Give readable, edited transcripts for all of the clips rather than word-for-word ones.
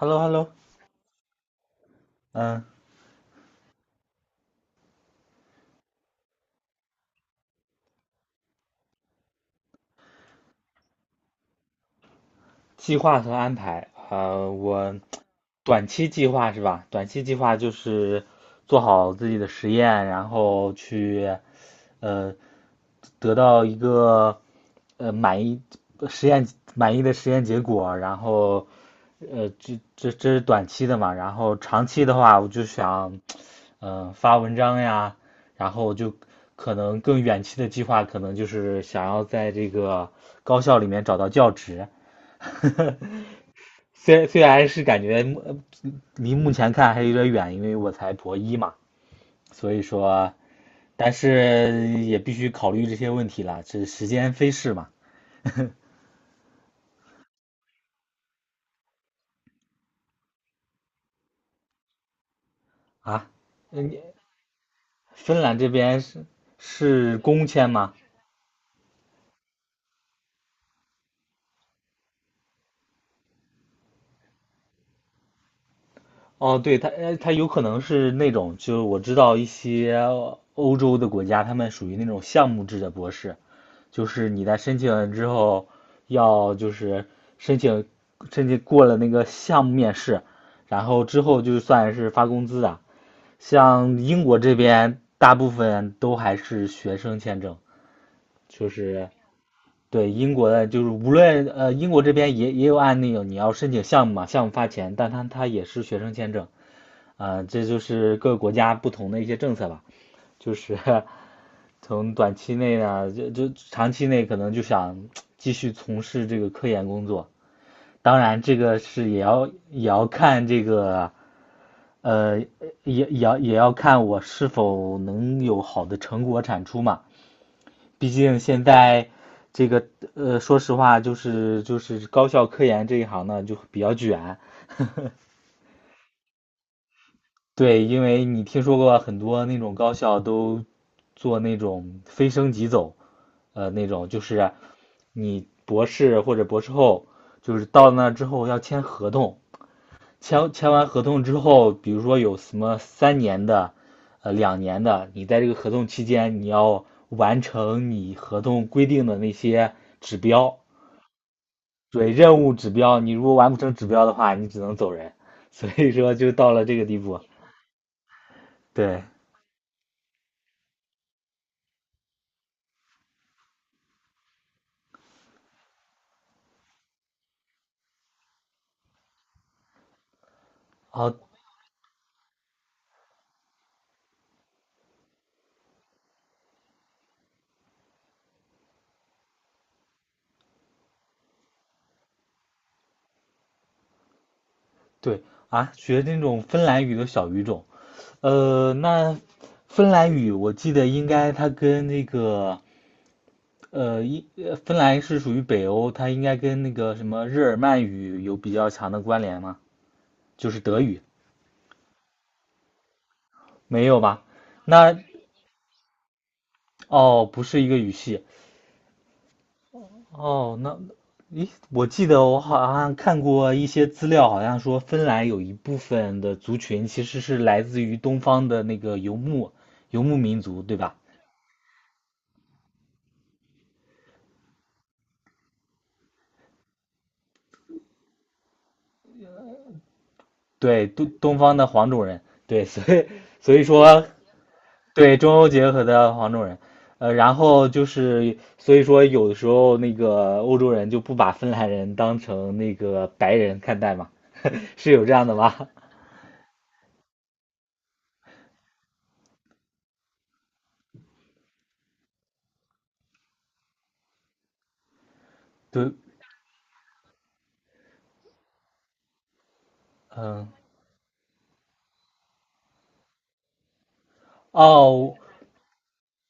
Hello hello. 嗯，计划和安排，我短期计划是吧？短期计划就是做好自己的实验，然后去呃得到一个呃满意实验满意的实验结果，然后这是短期的嘛，然后长期的话，我就想发文章呀，然后就可能更远期的计划，可能就是想要在这个高校里面找到教职。虽然是感觉离目前看还有点远，因为我才博一嘛，所以说，但是也必须考虑这些问题了，这时间飞逝嘛。啊，嗯，芬兰这边是是公签吗？哦，对，它有可能是那种，就是我知道一些欧洲的国家，他们属于那种项目制的博士，就是你在申请了之后，要就是申请申请过了那个项目面试，然后之后就算是发工资的。像英国这边，大部分都还是学生签证，就是对英国的，就是无论英国这边也有案例有，你要申请项目嘛，项目发钱，但它也是学生签证，啊、这就是各个国家不同的一些政策吧，就是从短期内呢，就长期内可能就想继续从事这个科研工作，当然这个是也要看这个，呃，也也要看我是否能有好的成果产出嘛。毕竟现在这个说实话，就是高校科研这一行呢，就比较卷。对，因为你听说过很多那种高校都做那种非升即走，那种就是你博士或者博士后，就是到那之后要签合同，签完合同之后，比如说有什么三年的，两年的，你在这个合同期间你要完成你合同规定的那些指标。对任务指标，你如果完不成指标的话，你只能走人。所以说就到了这个地步。对，哦，对啊，学那种芬兰语的小语种。那芬兰语我记得应该它跟那个芬兰是属于北欧，它应该跟那个什么日耳曼语有比较强的关联吗？就是德语，没有吧？那哦，不是一个语系。哦，那，咦，我记得我好像看过一些资料，好像说芬兰有一部分的族群其实是来自于东方的那个游牧民族，对吧？对，东方的黄种人，对，所以说对中欧结合的黄种人，然后就是所以说有的时候那个欧洲人就不把芬兰人当成那个白人看待嘛，是有这样的吗？对，嗯，哦，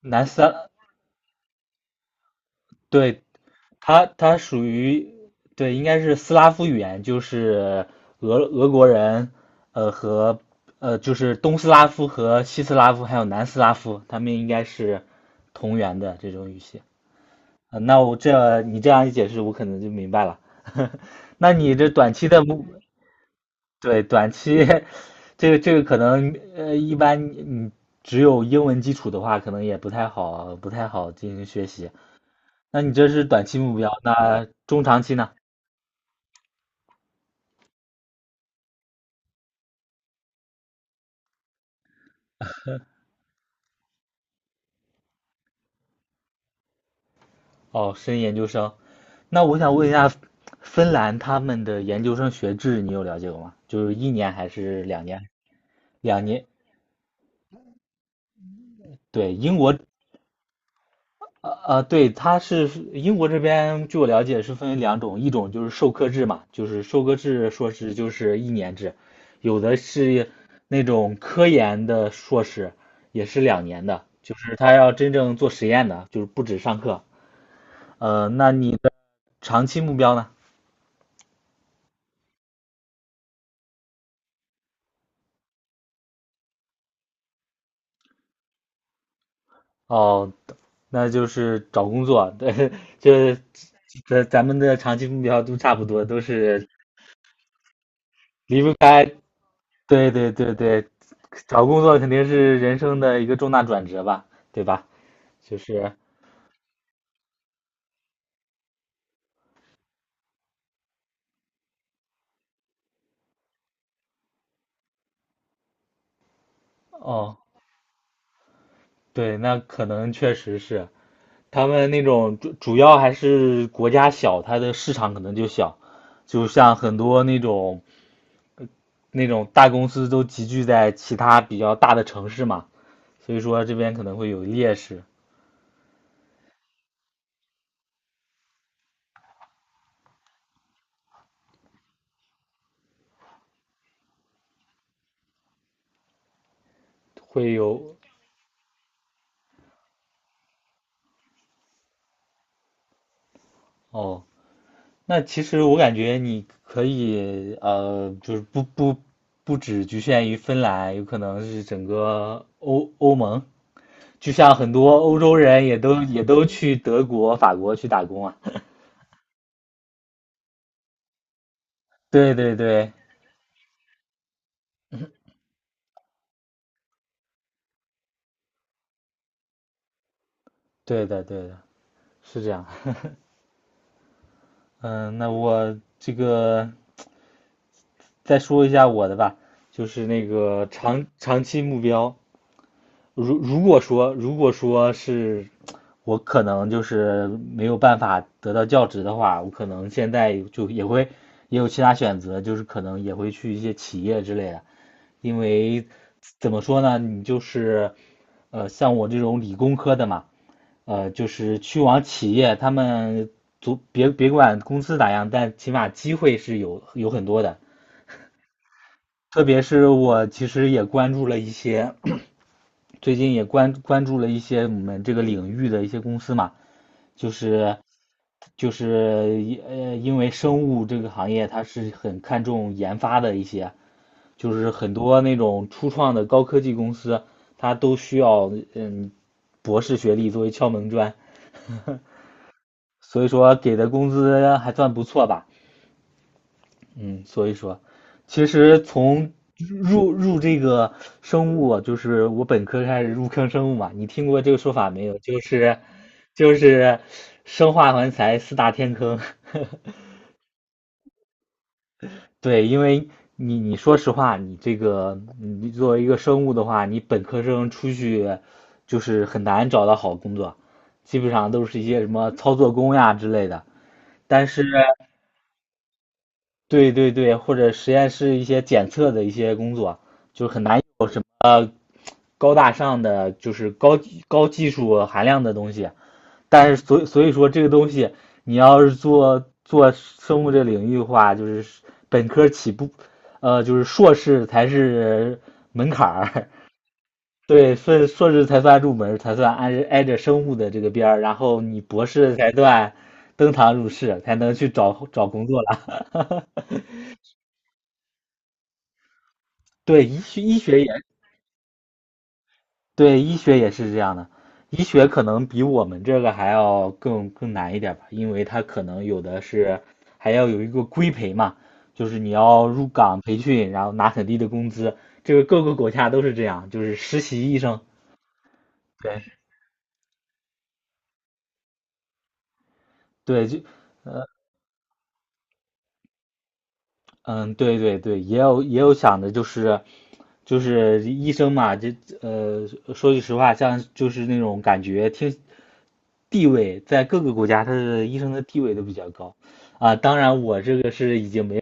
南斯拉，对它属于对，应该是斯拉夫语言，就是俄国人，呃和呃就是东斯拉夫和西斯拉夫还有南斯拉夫，他们应该是同源的这种语系。那我这你这样一解释，我可能就明白了。那你这短期的目，对，短期 这个这个可能一般你只有英文基础的话，可能也不太好，不太好进行学习。那你这是短期目标，那中长期呢？哦，申研究生。那我想问一下，芬兰他们的研究生学制你有了解过吗？就是一年还是两年？两年。对，英国，对，它是英国这边，据我了解是分为两种，一种就是授课制嘛，就是授课制硕士就是一年制，有的是那种科研的硕士也是两年的，就是他要真正做实验的，就是不止上课。那你的长期目标呢？哦，那就是找工作，对，这这咱们的长期目标都差不多，都是离不开，对对对对，找工作肯定是人生的一个重大转折吧，对吧？就是，哦，对，那可能确实是他们那种主要还是国家小，它的市场可能就小，就像很多那种那种大公司都集聚在其他比较大的城市嘛，所以说这边可能会有劣势，会有。哦，那其实我感觉你可以就是不只局限于芬兰，有可能是整个欧盟，就像很多欧洲人也都去德国、法国去打工啊。对对对，对的对的，是这样。嗯，那我这个再说一下我的吧，就是那个长期目标，如果说是我可能就是没有办法得到教职的话，我可能现在就也会也有其他选择，就是可能也会去一些企业之类的，因为怎么说呢，你就是像我这种理工科的嘛，就是去往企业，他们足别管公司咋样，但起码机会是有很多的，特别是我其实也关注了一些。最近也关注了一些我们这个领域的一些公司嘛，就是就是一呃，因为生物这个行业它是很看重研发的一些，就是很多那种初创的高科技公司，它都需要嗯博士学历作为敲门砖，所以说给的工资还算不错吧。嗯，所以说，其实从入这个生物啊就是我本科开始入坑生物嘛，你听过这个说法没有？就是生化环材四大天坑。对，因为你你说实话，你这个你作为一个生物的话，你本科生出去就是很难找到好工作，基本上都是一些什么操作工呀之类的。但是对对对，或者实验室一些检测的一些工作，就很难有什么高大上的，就是高技术含量的东西。但是所以说这个东西，你要是做生物这领域的话，就是本科起步，就是硕士才是门槛儿，对，硕士才算入门，才算挨着生物的这个边儿，然后你博士才算登堂入室，才能去找找工作了。对，医学医学也对，医学也是这样的，医学可能比我们这个还要更难一点吧，因为它可能有的是还要有一个规培嘛，就是你要入岗培训，然后拿很低的工资，这个各个国家都是这样，就是实习医生。对对，就嗯，对对对，也有也有想的，就是就是医生嘛，这呃，说句实话，像就是那种感觉听地位，在各个国家，他的医生的地位都比较高啊。当然，我这个是已经没，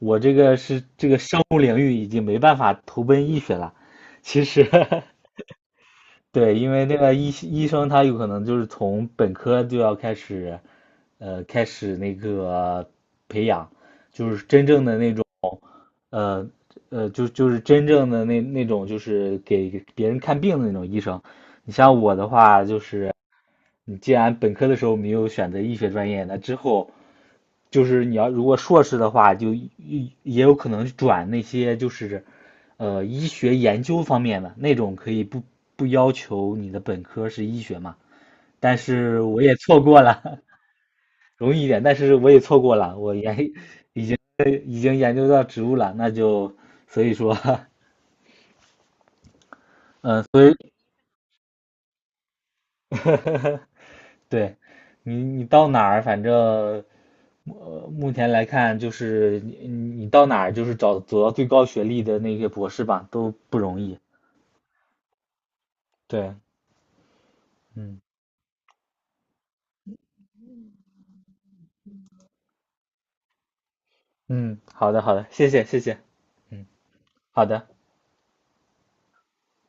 我这个是这个生物领域已经没办法投奔医学了。其实，对，因为那个医生他有可能就是从本科就要开始，开始那个培养，就是真正的那种。呃就是真正的那那种，就是给别人看病的那种医生。你像我的话，就是你既然本科的时候没有选择医学专业，那之后就是你要如果硕士的话，就也也有可能转那些就是医学研究方面的那种，可以不要求你的本科是医学嘛。但是我也错过了，容易一点，但是我也错过了，我研已经已经研究到植物了，那就所以说 嗯，所以 对你，你到哪儿，反正目前来看，就是你你到哪儿，就是找走到最高学历的那些博士吧，都不容易。对，嗯嗯，好的好的，谢谢谢谢，嗯，好的。